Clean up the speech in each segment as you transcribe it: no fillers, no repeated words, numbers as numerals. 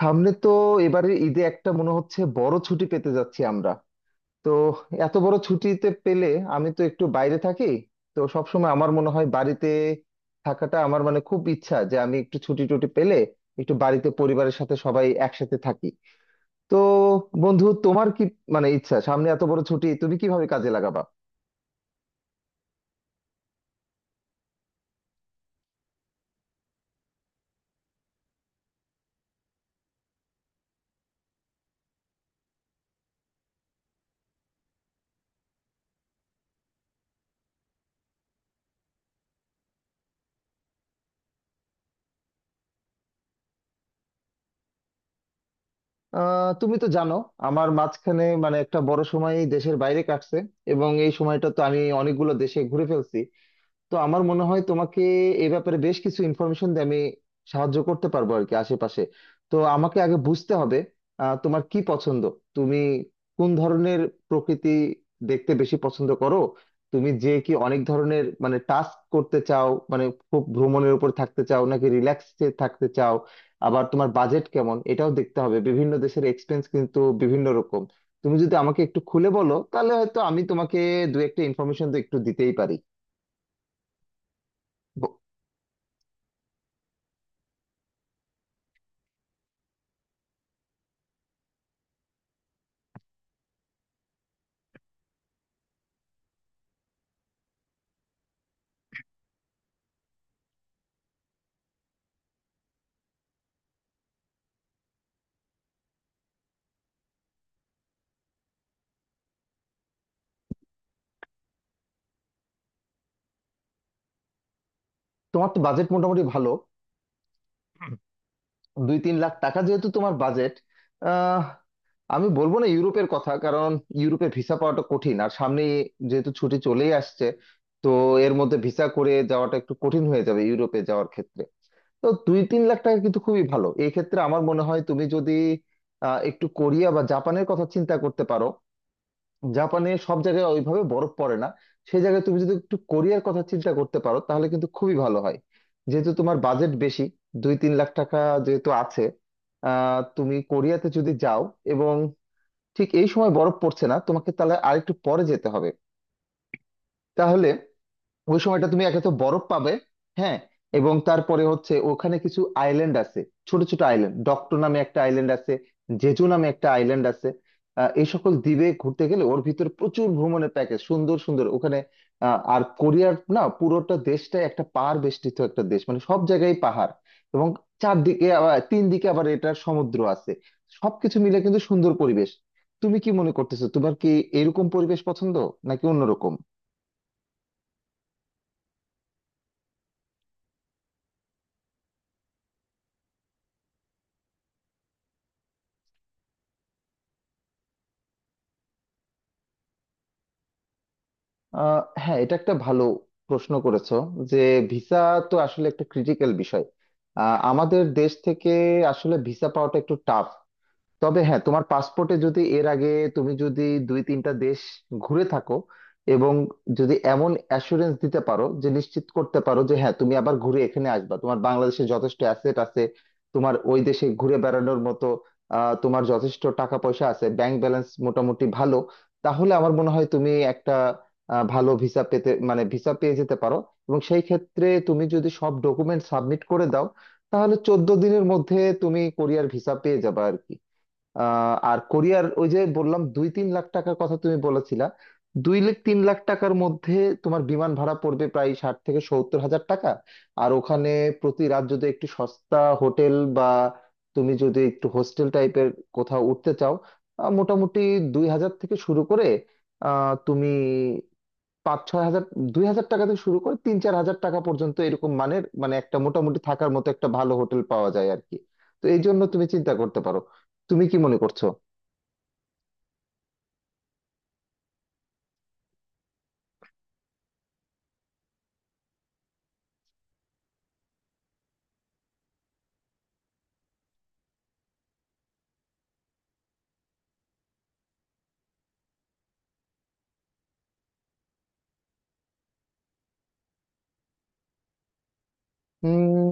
সামনে তো এবারে ঈদে একটা মনে হচ্ছে বড় ছুটি পেতে যাচ্ছি আমরা। তো এত বড় ছুটিতে পেলে আমি তো একটু বাইরে থাকি। তো সবসময় আমার মনে হয় বাড়িতে থাকাটা আমার মানে খুব ইচ্ছা যে আমি একটু ছুটি টুটি পেলে একটু বাড়িতে পরিবারের সাথে সবাই একসাথে থাকি। তো বন্ধু তোমার কি মানে ইচ্ছা সামনে এত বড় ছুটি তুমি কিভাবে কাজে লাগাবা? তুমি তো জানো আমার মাঝখানে মানে একটা বড় সময় দেশের বাইরে কাটছে এবং এই সময়টা তো আমি অনেকগুলো দেশে ঘুরে ফেলছি। তো আমার মনে হয় তোমাকে এ ব্যাপারে বেশ কিছু ইনফরমেশন দিয়ে আমি সাহায্য করতে পারবো আর কি আশেপাশে। তো আমাকে আগে বুঝতে হবে তোমার কি পছন্দ, তুমি কোন ধরনের প্রকৃতি দেখতে বেশি পছন্দ করো, তুমি যে কি অনেক ধরনের মানে টাস্ক করতে চাও, মানে খুব ভ্রমণের উপর থাকতে চাও নাকি রিল্যাক্সে থাকতে চাও। আবার তোমার বাজেট কেমন এটাও দেখতে হবে, বিভিন্ন দেশের এক্সপেন্স কিন্তু বিভিন্ন রকম। তুমি যদি আমাকে একটু খুলে বলো তাহলে হয়তো আমি তোমাকে দু একটা ইনফরমেশন তো একটু দিতেই পারি। তোমার তো বাজেট মোটামুটি ভালো, 2-3 লাখ টাকা যেহেতু তোমার বাজেট। আহ আমি বলবো না ইউরোপের কথা, কারণ ইউরোপে ভিসা পাওয়াটা কঠিন আর সামনে যেহেতু ছুটি চলেই আসছে, তো এর মধ্যে ভিসা করে যাওয়াটা একটু কঠিন হয়ে যাবে ইউরোপে যাওয়ার ক্ষেত্রে। তো 2-3 লাখ টাকা কিন্তু খুবই ভালো, এই ক্ষেত্রে আমার মনে হয় তুমি যদি একটু কোরিয়া বা জাপানের কথা চিন্তা করতে পারো। জাপানে সব জায়গায় ওইভাবে বরফ পড়ে না, সেই জায়গায় তুমি যদি একটু কোরিয়ার কথা চিন্তা করতে পারো তাহলে কিন্তু খুবই ভালো হয়। যেহেতু তোমার বাজেট বেশি, 2-3 লাখ টাকা যেহেতু আছে, তুমি কোরিয়াতে যদি যাও এবং ঠিক এই সময় বরফ পড়ছে না তোমাকে তাহলে আরেকটু পরে যেতে হবে, তাহলে ওই সময়টা তুমি একে তো বরফ পাবে। হ্যাঁ, এবং তারপরে হচ্ছে ওখানে কিছু আইল্যান্ড আছে, ছোট ছোট আইল্যান্ড, ডক্টর নামে একটা আইল্যান্ড আছে, জেজু নামে একটা আইল্যান্ড আছে। এই সকল দ্বীপে ঘুরতে গেলে ওর ভিতরে প্রচুর ভ্রমণের প্যাকেজ, সুন্দর সুন্দর ওখানে। আর কোরিয়ার না পুরোটা দেশটাই একটা পাহাড় বেষ্টিত একটা দেশ, মানে সব জায়গায় পাহাড় এবং চারদিকে আবার তিন দিকে আবার এটার সমুদ্র আছে, সবকিছু মিলে কিন্তু সুন্দর পরিবেশ। তুমি কি মনে করতেছো, তোমার কি এরকম পরিবেশ পছন্দ নাকি অন্যরকম? হ্যাঁ, এটা একটা ভালো প্রশ্ন করেছো যে ভিসা তো আসলে একটা ক্রিটিক্যাল বিষয়। আমাদের দেশ থেকে আসলে ভিসা পাওয়াটা একটু টাফ। তবে হ্যাঁ, তোমার পাসপোর্টে যদি এর আগে তুমি যদি 2-3টা দেশ ঘুরে থাকো এবং যদি এমন অ্যাসুরেন্স দিতে পারো, যে নিশ্চিত করতে পারো যে হ্যাঁ তুমি আবার ঘুরে এখানে আসবা, তোমার বাংলাদেশে যথেষ্ট অ্যাসেট আছে, তোমার ওই দেশে ঘুরে বেড়ানোর মতো তোমার যথেষ্ট টাকা পয়সা আছে, ব্যাংক ব্যালেন্স মোটামুটি ভালো, তাহলে আমার মনে হয় তুমি একটা ভালো ভিসা পেতে মানে ভিসা পেয়ে যেতে পারো। এবং সেই ক্ষেত্রে তুমি যদি সব ডকুমেন্ট সাবমিট করে দাও তাহলে 14 দিনের মধ্যে তুমি কোরিয়ার ভিসা পেয়ে যাবে আর কি। আর কোরিয়ার ওই যে বললাম দুই তিন লাখ টাকার কথা তুমি বলেছিলা, 2-3 লাখ টাকার মধ্যে তোমার বিমান ভাড়া পড়বে প্রায় 60-70 হাজার টাকা। আর ওখানে প্রতি রাত যদি একটু সস্তা হোটেল বা তুমি যদি একটু হোস্টেল টাইপের কোথাও উঠতে চাও, মোটামুটি 2000 থেকে শুরু করে তুমি 5-6 হাজার, দুই হাজার টাকা থেকে শুরু করে 3-4 হাজার টাকা পর্যন্ত এরকম মানের মানে একটা মোটামুটি থাকার মতো একটা ভালো হোটেল পাওয়া যায় আর কি। তো এই জন্য তুমি চিন্তা করতে পারো। তুমি কি মনে করছো? উম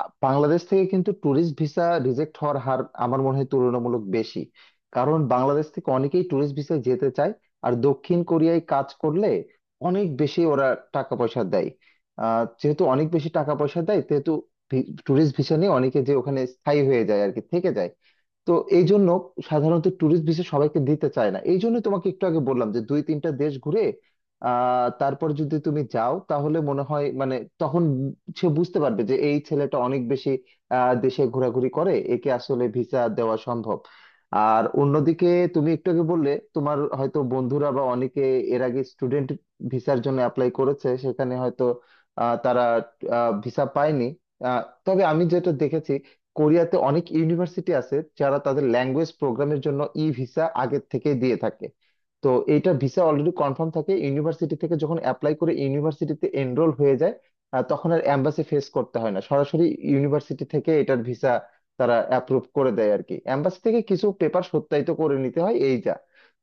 বাংলাদেশ থেকে কিন্তু ট্যুরিস্ট ভিসা রিজেক্ট হওয়ার হার আমার মনে হয় তুলনামূলক বেশি, কারণ বাংলাদেশ থেকে অনেকেই ট্যুরিস্ট ভিসায় যেতে চায় আর দক্ষিণ কোরিয়ায় কাজ করলে অনেক বেশি ওরা টাকা পয়সা দেয়। যেহেতু অনেক বেশি টাকা পয়সা দেয় সেহেতু ট্যুরিস্ট ভিসা নিয়ে অনেকে যে ওখানে স্থায়ী হয়ে যায় আর কি, থেকে যায়। তো এই জন্য সাধারণত ট্যুরিস্ট ভিসা সবাইকে দিতে চায় না, এই জন্য তোমাকে একটু আগে বললাম যে 2-3টা দেশ ঘুরে তারপর যদি তুমি যাও তাহলে মনে হয় মানে, তখন সে বুঝতে পারবে যে এই ছেলেটা অনেক বেশি দেশে ঘোরাঘুরি করে, একে আসলে ভিসা দেওয়া সম্ভব। আর অন্যদিকে তুমি একটু আগে বললে তোমার হয়তো বন্ধুরা বা অনেকে এর আগে স্টুডেন্ট ভিসার জন্য অ্যাপ্লাই করেছে, সেখানে হয়তো তারা ভিসা পায়নি। তবে আমি যেটা দেখেছি কোরিয়াতে অনেক ইউনিভার্সিটি আছে যারা তাদের ল্যাঙ্গুয়েজ প্রোগ্রামের জন্য ই ভিসা আগের থেকে দিয়ে থাকে। তো এইটা ভিসা অলরেডি কনফার্ম থাকে ইউনিভার্সিটি থেকে, যখন অ্যাপ্লাই করে ইউনিভার্সিটিতে এনরোল হয়ে যায় তখন আর এম্বাসি ফেস করতে হয় না, সরাসরি ইউনিভার্সিটি থেকে এটার ভিসা তারা অ্যাপ্রুভ করে দেয় আর কি। এম্বাসি থেকে কিছু পেপার সত্যায়িত করে নিতে হয় এই যা।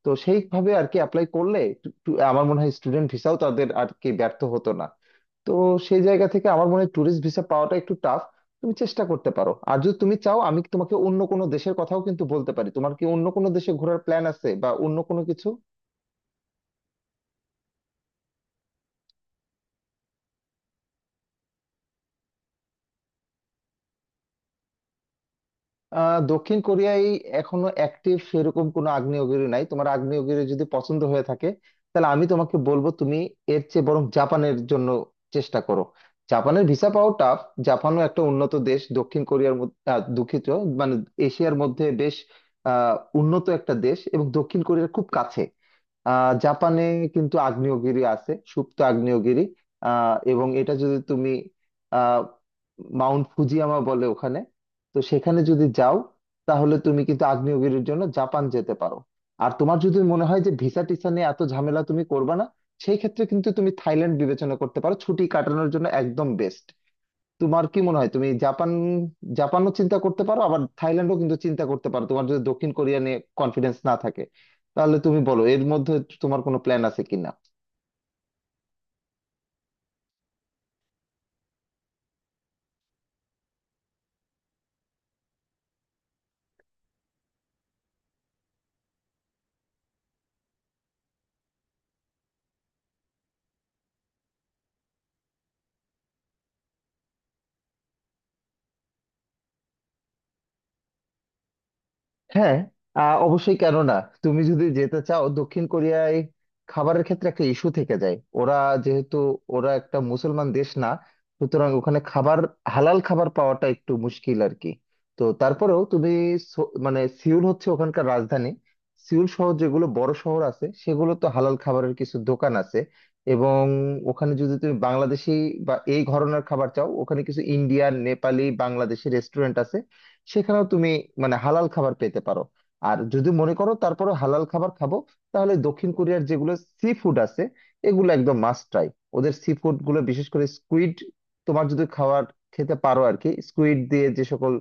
তো সেইভাবে আর কি অ্যাপ্লাই করলে টু- টু- আমার মনে হয় স্টুডেন্ট ভিসাও তাদের আর কি ব্যর্থ হতো না। তো সেই জায়গা থেকে আমার মনে হয় ট্যুরিস্ট ভিসা তুমি চেষ্টা করতে পারো। আর যদি তুমি চাও আমি তোমাকে অন্য কোনো দেশের কথাও কিন্তু বলতে পারি, তোমার কি অন্য কোনো দেশে ঘোরার প্ল্যান আছে বা অন্য কোনো কিছু? দক্ষিণ কোরিয়ায় এখনো অ্যাক্টিভ সেরকম কোনো আগ্নেয়গিরি নাই। তোমার আগ্নেয়গিরি যদি পছন্দ হয়ে থাকে তাহলে আমি তোমাকে বলবো তুমি এর চেয়ে বরং জাপানের জন্য চেষ্টা করো। জাপানের ভিসা পাওয়া টাফ। জাপানও একটা উন্নত দেশ দক্ষিণ কোরিয়ার মধ্যে, দুঃখিত, মানে এশিয়ার মধ্যে বেশ আহ উন্নত একটা দেশ এবং দক্ষিণ কোরিয়ার খুব কাছে। জাপানে কিন্তু আগ্নেয়গিরি আছে, সুপ্ত আগ্নেয়গিরি। এবং এটা যদি তুমি আহ মাউন্ট ফুজিয়ামা বলে ওখানে। তো সেখানে যদি যাও তাহলে তুমি কিন্তু আগ্নেয়গিরির জন্য জাপান যেতে পারো। আর তোমার যদি মনে হয় যে ভিসা টিসা নিয়ে এত ঝামেলা তুমি করবে না, সেই ক্ষেত্রে কিন্তু তুমি থাইল্যান্ড বিবেচনা করতে পারো, ছুটি কাটানোর জন্য একদম বেস্ট। তোমার কি মনে হয় তুমি জাপান, জাপানও চিন্তা করতে পারো আবার থাইল্যান্ডও কিন্তু চিন্তা করতে পারো তোমার যদি দক্ষিণ কোরিয়া নিয়ে কনফিডেন্স না থাকে। তাহলে তুমি বলো এর মধ্যে তোমার কোনো প্ল্যান আছে কিনা? হ্যাঁ, অবশ্যই, কেন না। তুমি যদি যেতে চাও দক্ষিণ কোরিয়ায় খাবারের ক্ষেত্রে একটা ইস্যু থেকে যায়, ওরা যেহেতু ওরা একটা মুসলমান দেশ না, সুতরাং ওখানে খাবার হালাল খাবার পাওয়াটা একটু মুশকিল আর কি। তো তারপরেও তুমি মানে সিউল হচ্ছে ওখানকার রাজধানী, সিউল শহর যেগুলো বড় শহর আছে সেগুলো তো হালাল খাবারের কিছু দোকান আছে। এবং ওখানে যদি তুমি বাংলাদেশি বা এই ঘরনের খাবার চাও, ওখানে কিছু ইন্ডিয়ান নেপালি বাংলাদেশি রেস্টুরেন্ট আছে, সেখানেও তুমি মানে হালাল খাবার পেতে পারো। আর যদি মনে করো তারপরে হালাল খাবার খাবো, তাহলে দক্ষিণ কোরিয়ার যেগুলো সি ফুড আছে এগুলো একদম মাস্ট ট্রাই। ওদের সি ফুড গুলো বিশেষ করে স্কুইড, তোমার যদি খাবার খেতে পারো আর কি, স্কুইড দিয়ে যে সকল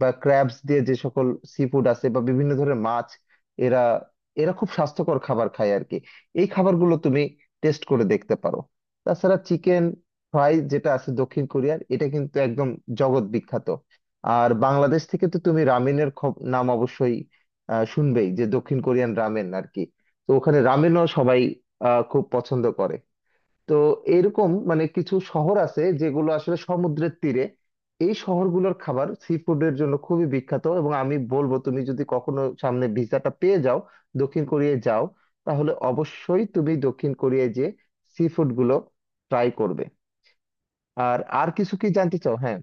বা ক্র্যাবস দিয়ে যে সকল সি ফুড আছে বা বিভিন্ন ধরনের মাছ, এরা এরা খুব স্বাস্থ্যকর খাবার খায় আর কি। এই খাবারগুলো তুমি টেস্ট করে দেখতে পারো। তাছাড়া চিকেন ফ্রাই যেটা আছে দক্ষিণ কোরিয়ার, এটা কিন্তু একদম জগৎ বিখ্যাত। আর বাংলাদেশ থেকে তো তুমি রামেনের নাম অবশ্যই শুনবেই যে দক্ষিণ কোরিয়ান রামেন আর কি। তো ওখানে রামেনও সবাই খুব পছন্দ করে। তো এরকম মানে কিছু শহর আছে যেগুলো আসলে সমুদ্রের তীরে, এই শহরগুলোর খাবার সি ফুডের জন্য খুবই বিখ্যাত এবং আমি বলবো তুমি যদি কখনো সামনে ভিসাটা পেয়ে যাও দক্ষিণ কোরিয়ায় যাও, তাহলে অবশ্যই তুমি দক্ষিণ কোরিয়ায় যে সি ফুড গুলো ট্রাই করবে। আর আর কিছু কি জানতে চাও? হ্যাঁ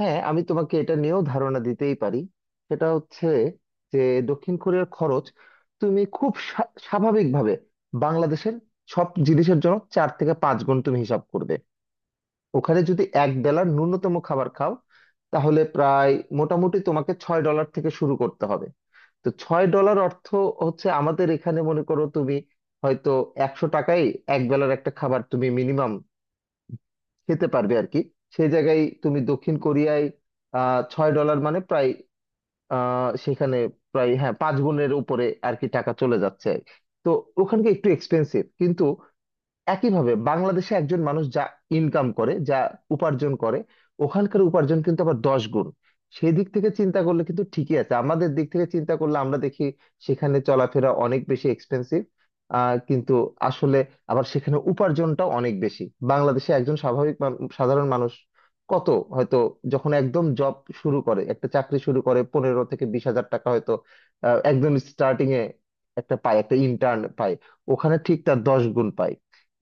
হ্যাঁ, আমি তোমাকে এটা নিয়েও ধারণা দিতেই পারি। সেটা হচ্ছে যে দক্ষিণ কোরিয়ার খরচ তুমি খুব স্বাভাবিকভাবে বাংলাদেশের সব জিনিসের জন্য 4-5 গুণ তুমি হিসাব করবে। ওখানে যদি এক বেলার ন্যূনতম খাবার খাও তাহলে প্রায় মোটামুটি তোমাকে $6 থেকে শুরু করতে হবে। তো $6 অর্থ হচ্ছে আমাদের এখানে মনে করো তুমি হয়তো 100 টাকায় এক বেলার একটা খাবার তুমি মিনিমাম খেতে পারবে আর কি। সেই জায়গায় তুমি দক্ষিণ কোরিয়ায় $6 মানে প্রায় সেখানে প্রায় হ্যাঁ 5 গুণের উপরে আর কি টাকা চলে যাচ্ছে। তো ওখানকে একটু এক্সপেন্সিভ, কিন্তু একইভাবে বাংলাদেশে একজন মানুষ যা ইনকাম করে, যা উপার্জন করে, ওখানকার উপার্জন কিন্তু আবার 10 গুণ। সেই দিক থেকে চিন্তা করলে কিন্তু ঠিকই আছে, আমাদের দিক থেকে চিন্তা করলে আমরা দেখি সেখানে চলাফেরা অনেক বেশি এক্সপেন্সিভ, কিন্তু আসলে আবার সেখানে উপার্জনটাও অনেক বেশি। বাংলাদেশে একজন স্বাভাবিক সাধারণ মানুষ কত হয়তো, যখন একদম জব শুরু করে, একটা চাকরি শুরু করে 15-20 হাজার টাকা হয়তো একদম স্টার্টিং এ একটা পায়, একটা ইন্টার্ন পায়। ওখানে ঠিক তার 10 গুণ পায়।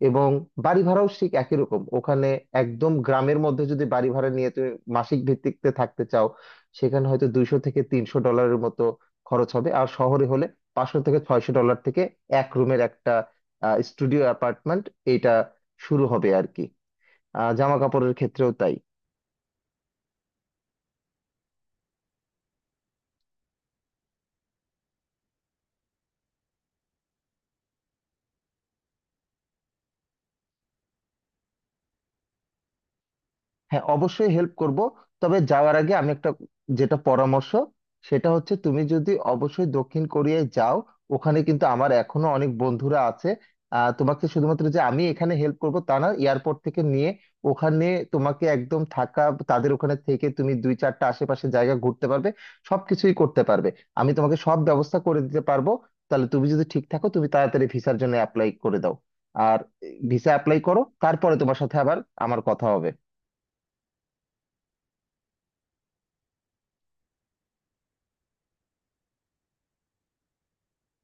এবং বাড়ি ভাড়াও ঠিক একই রকম, ওখানে একদম গ্রামের মধ্যে যদি বাড়ি ভাড়া নিয়ে তুমি মাসিক ভিত্তিতে থাকতে চাও সেখানে হয়তো $200-300 মতো খরচ হবে, আর শহরে হলে $500-600 থেকে এক রুমের একটা স্টুডিও অ্যাপার্টমেন্ট, এটা শুরু হবে আর কি। জামা কাপড়ের ক্ষেত্রেও তাই। হ্যাঁ অবশ্যই হেল্প করব। তবে যাওয়ার আগে আমি একটা যেটা পরামর্শ, সেটা হচ্ছে তুমি যদি অবশ্যই দক্ষিণ কোরিয়ায় যাও ওখানে কিন্তু আমার এখনো অনেক বন্ধুরা আছে। তোমাকে শুধুমাত্র যে আমি এখানে হেল্প করব তা না, এয়ারপোর্ট থেকে নিয়ে ওখানে তোমাকে একদম থাকা, তাদের ওখানে থেকে তুমি 2-4টা আশেপাশে জায়গা ঘুরতে পারবে, সবকিছুই করতে পারবে, আমি তোমাকে সব ব্যবস্থা করে দিতে পারবো। তাহলে তুমি যদি ঠিক থাকো তুমি তাড়াতাড়ি ভিসার জন্য অ্যাপ্লাই করে দাও। আর ভিসা অ্যাপ্লাই করো, তারপরে তোমার সাথে আবার আমার কথা হবে।